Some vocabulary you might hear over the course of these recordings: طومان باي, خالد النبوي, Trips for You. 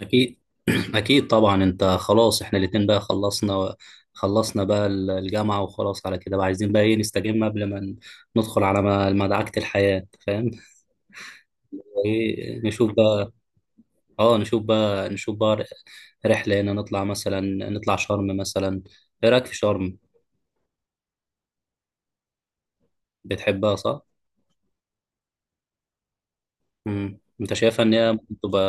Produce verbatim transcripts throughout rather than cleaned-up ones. أكيد. أكيد طبعا، أنت خلاص. إحنا الاتنين بقى خلصنا خلصنا بقى الجامعة، وخلاص على كده بقى عايزين بقى إيه نستجم قبل ما ندخل على م- مدعكة الحياة، فاهم؟ إيه نشوف بقى. أه نشوف بقى نشوف بقى. رحلة هنا نطلع مثلا نطلع شرم مثلا. إيه رأيك في شرم؟ بتحبها صح؟ مم. أنت شايفها إن هي ممكن تبقى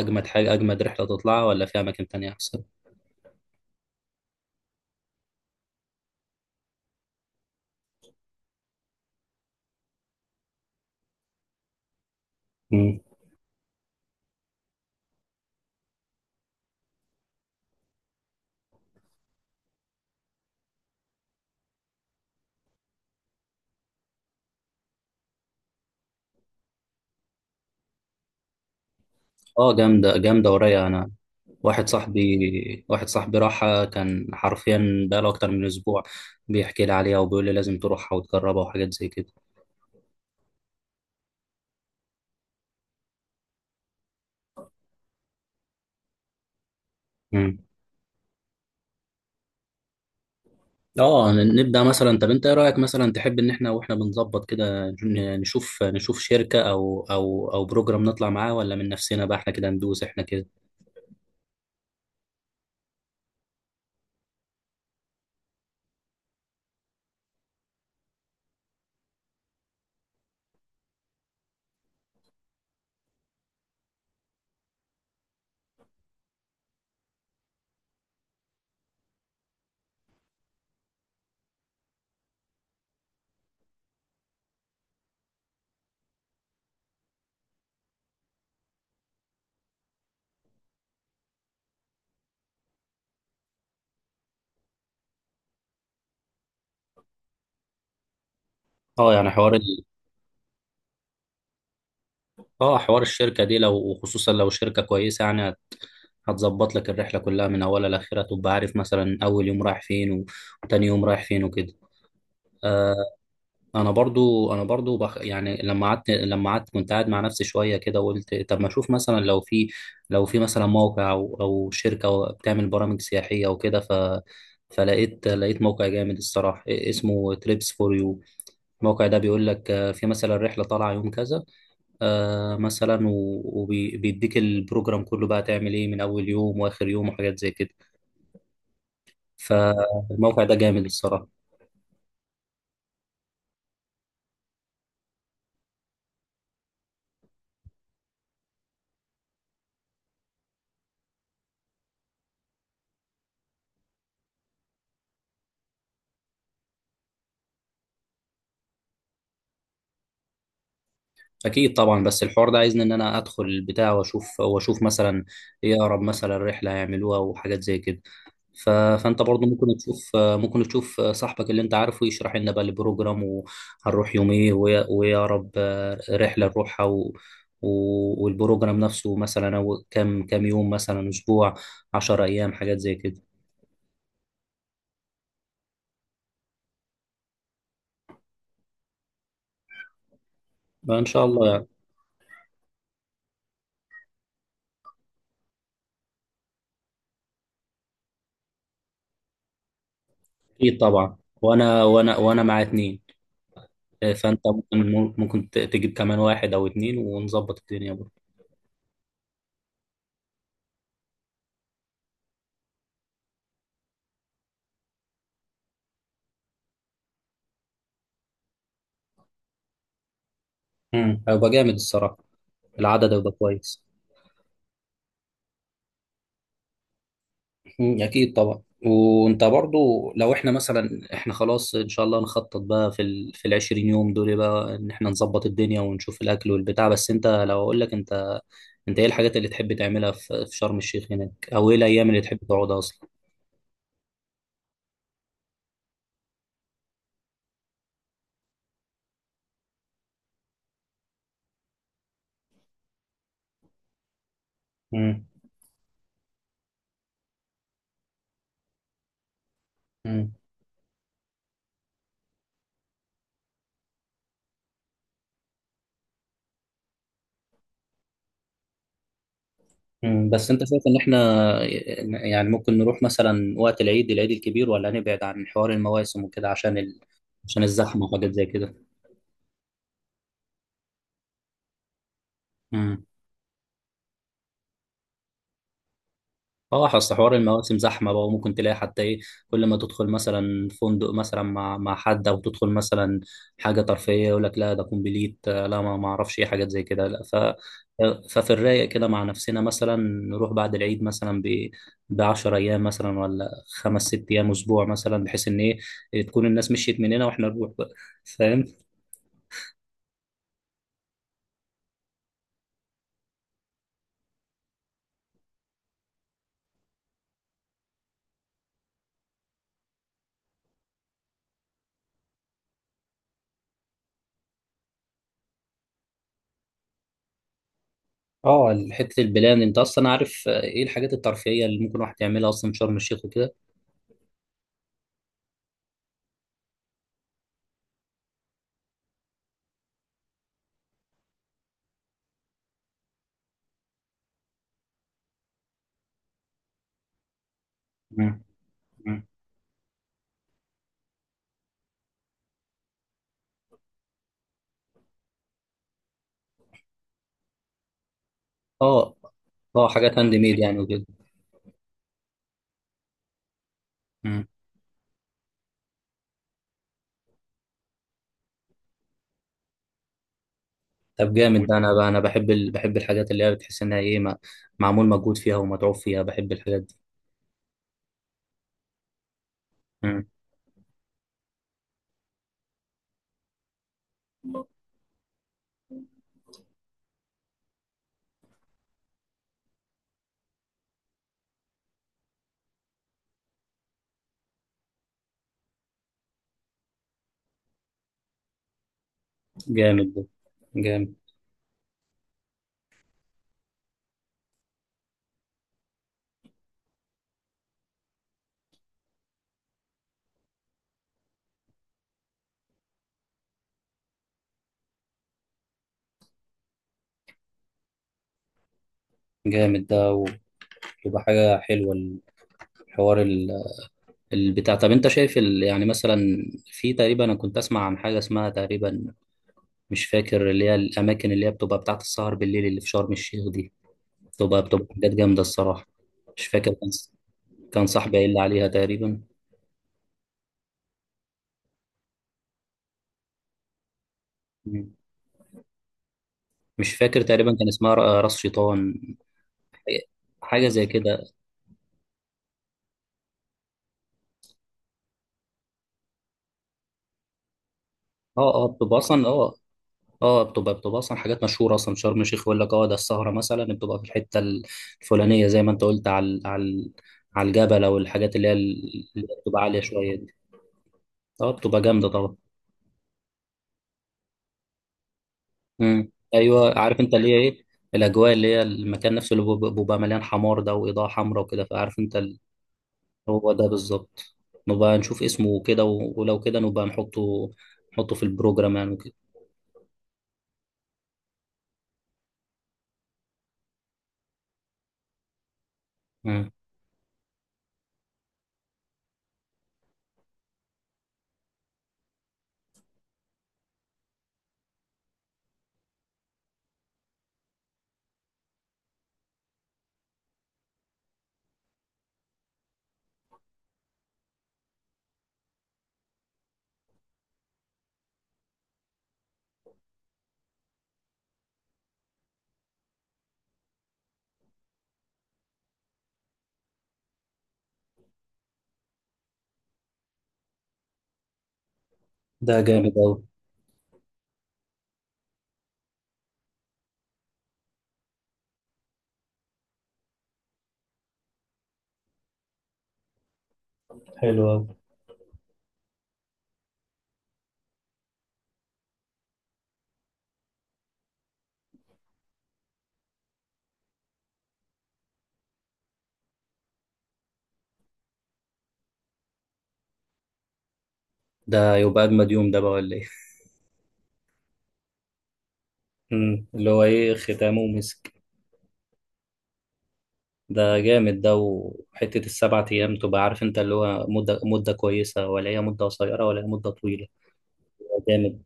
أجمد حاجة، أجمد رحلة تطلعها، ولا في أماكن تانية أحسن؟ مم. أه، جامدة جامدة ورايقة. أنا واحد صاحبي واحد صاحبي راحها كان حرفيا بقاله أكتر من أسبوع بيحكي لي عليها وبيقول لي لازم تروحها وتجربها وحاجات زي كده. مم. اه، نبدأ مثلا. طب انت ايه رأيك، مثلا تحب ان احنا، واحنا بنظبط كده، ن- نشوف نشوف شركة او او او بروجرام نطلع معاه، ولا من نفسنا بقى احنا كده ندوس احنا كده؟ اه، يعني حوار ال... اه حوار الشركة دي، لو وخصوصا لو شركة كويسة، يعني هتظبط لك الرحلة كلها من اولها لاخرها، تبقى عارف مثلا اول يوم رايح فين و- وتاني يوم رايح فين وكده. آه، انا برضو انا برضو بخ... يعني لما قعدت لما قعدت كنت قاعد مع نفسي شويه كده، وقلت طب ما اشوف مثلا لو في لو في مثلا موقع او او شركه أو بتعمل برامج سياحيه وكده، ف فلقيت لقيت موقع جامد الصراحه اسمه تريبس فور يو. الموقع ده بيقول لك آه، في مثلا رحله طالعه يوم كذا آه، مثلا، وبيديك البروجرام كله بقى تعمل ايه من اول يوم واخر يوم وحاجات زي كده. فالموقع ده جامد الصراحه. اكيد طبعا، بس الحوار ده عايزني ان انا ادخل البتاع واشوف واشوف مثلا ايه اقرب مثلا رحله هيعملوها وحاجات زي كده. ف... فانت برضو ممكن تشوف ممكن تشوف صاحبك اللي انت عارفه يشرح لنا بقى البروجرام، وهنروح يوم ايه وإيه- وايه اقرب رحله نروحها، و... و... والبروجرام نفسه مثلا، او كام كام يوم مثلا، اسبوع، عشر ايام، حاجات زي كده. ما ان شاء الله يعني. اكيد طبعا، وانا وانا وانا مع اتنين. فانت ممكن ممكن تجيب كمان واحد او اتنين ونظبط الدنيا. امم هيبقى جامد الصراحه. العدد هيبقى كويس. مم. اكيد طبعا. وانت برضو لو احنا مثلا، احنا خلاص ان شاء الله نخطط بقى في ال في العشرين يوم دول بقى ان احنا نظبط الدنيا ونشوف الاكل والبتاع. بس انت لو اقول لك انت، انت ايه الحاجات اللي تحب تعملها في في شرم الشيخ هناك، او ايه الايام اللي تحب تقعدها اصلا؟ امم امم امم بس انت شايف ان احنا يعني ممكن نروح مثلا وقت العيد، العيد الكبير، ولا نبعد عن حوار المواسم وكده عشان ال... عشان الزحمه وحاجات زي كده. مم. اه، اصل حوار المواسم زحمه بقى، وممكن تلاقي حتى ايه، كل ما تدخل مثلا فندق مثلا مع مع حد، او تدخل مثلا حاجه ترفيهيه، يقول لك لا ده كومبليت، آه، لا، ما ما اعرفش ايه حاجات زي كده، لا. ف ففي الرايق كده مع نفسنا، مثلا نروح بعد العيد مثلا ب ب عشرة ايام مثلا، ولا خمس ست ايام اسبوع مثلا، بحيث ان ايه تكون الناس مشيت مننا واحنا نروح بقى، فاهم؟ اه، حته البلان انت اصلا عارف آه، ايه الحاجات الترفيهيه اللي ممكن واحد يعملها اصلا في شرم الشيخ وكده. مم. اه اه، حاجات هاند ميد يعني وكده. مم. طب جامد ده. انا بقى انا بحب ال... بحب الحاجات اللي هي بتحس انها، ايه ما... معمول مجهود فيها ومتعوب فيها، بحب الحاجات دي. مم. جامد ده. جامد جامد ده، ويبقى حاجة حلوة الحوار ال- البتاع. طب انت شايف ال... يعني مثلا، في تقريبا، انا كنت اسمع عن حاجة اسمها تقريبا، مش فاكر، اللي هي الاماكن اللي هي بتبقى بتاعت السهر بالليل اللي في شرم الشيخ دي، بتبقى بتبقى حاجات جامدة الصراحة. مش فاكر. كان كان صاحبي قايل لي عليها تقريبا. مش فاكر، تقريبا كان اسمها ر- راس شيطان، حاجه زي كده. اه اه، بتبقى اصلا. اه اه، بتبقى بتبقى اصلا حاجات مشهوره اصلا. شرم الشيخ يقول لك اه ده السهره مثلا بتبقى في الحته الفلانيه زي ما انت قلت على، على على الجبل، او الحاجات اللي هي ال- اللي بتبقى عاليه شويه دي. اه، بتبقى جامده طبعا. امم ايوه، عارف انت اللي هي ايه، الاجواء اللي هي المكان نفسه اللي بيبقى بيبقى مليان حمار ده واضاءه حمراء وكده. فعارف انت ال- هو ده بالظبط. نبقى نشوف اسمه وكده، و- ولو كده نبقى نحطه نحطه في البروجرام يعني. وكده. ده جامد أوي. حلو أوي. ده يبقى أجمد يوم ده بقى، ولا إيه؟ مم. اللي هو إيه، ختامه ومسك. ده جامد ده. وحتة السبعة أيام تبقى عارف أنت، اللي هو مدة مدة كويسة، ولا هي مدة قصيرة، ولا هي مدة طويلة؟ جامد.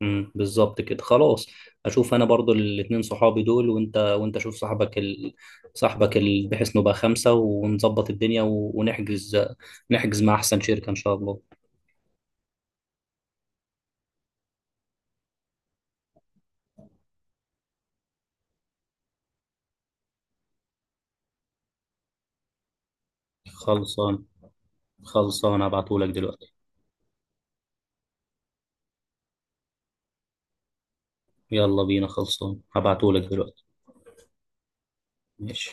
مم. بالظبط كده، خلاص. أشوف أنا برضو الاتنين صحابي دول، وأنت وأنت شوف صاحبك ال... صاحبك ال... بحيث نبقى خمسة ونظبط الدنيا، و... ونحجز، نحجز مع أحسن شركة إن شاء الله. خلصان خلصان، هبعتهولك دلوقتي. يلا بينا، خلصان هبعتهولك دلوقتي. ماشي.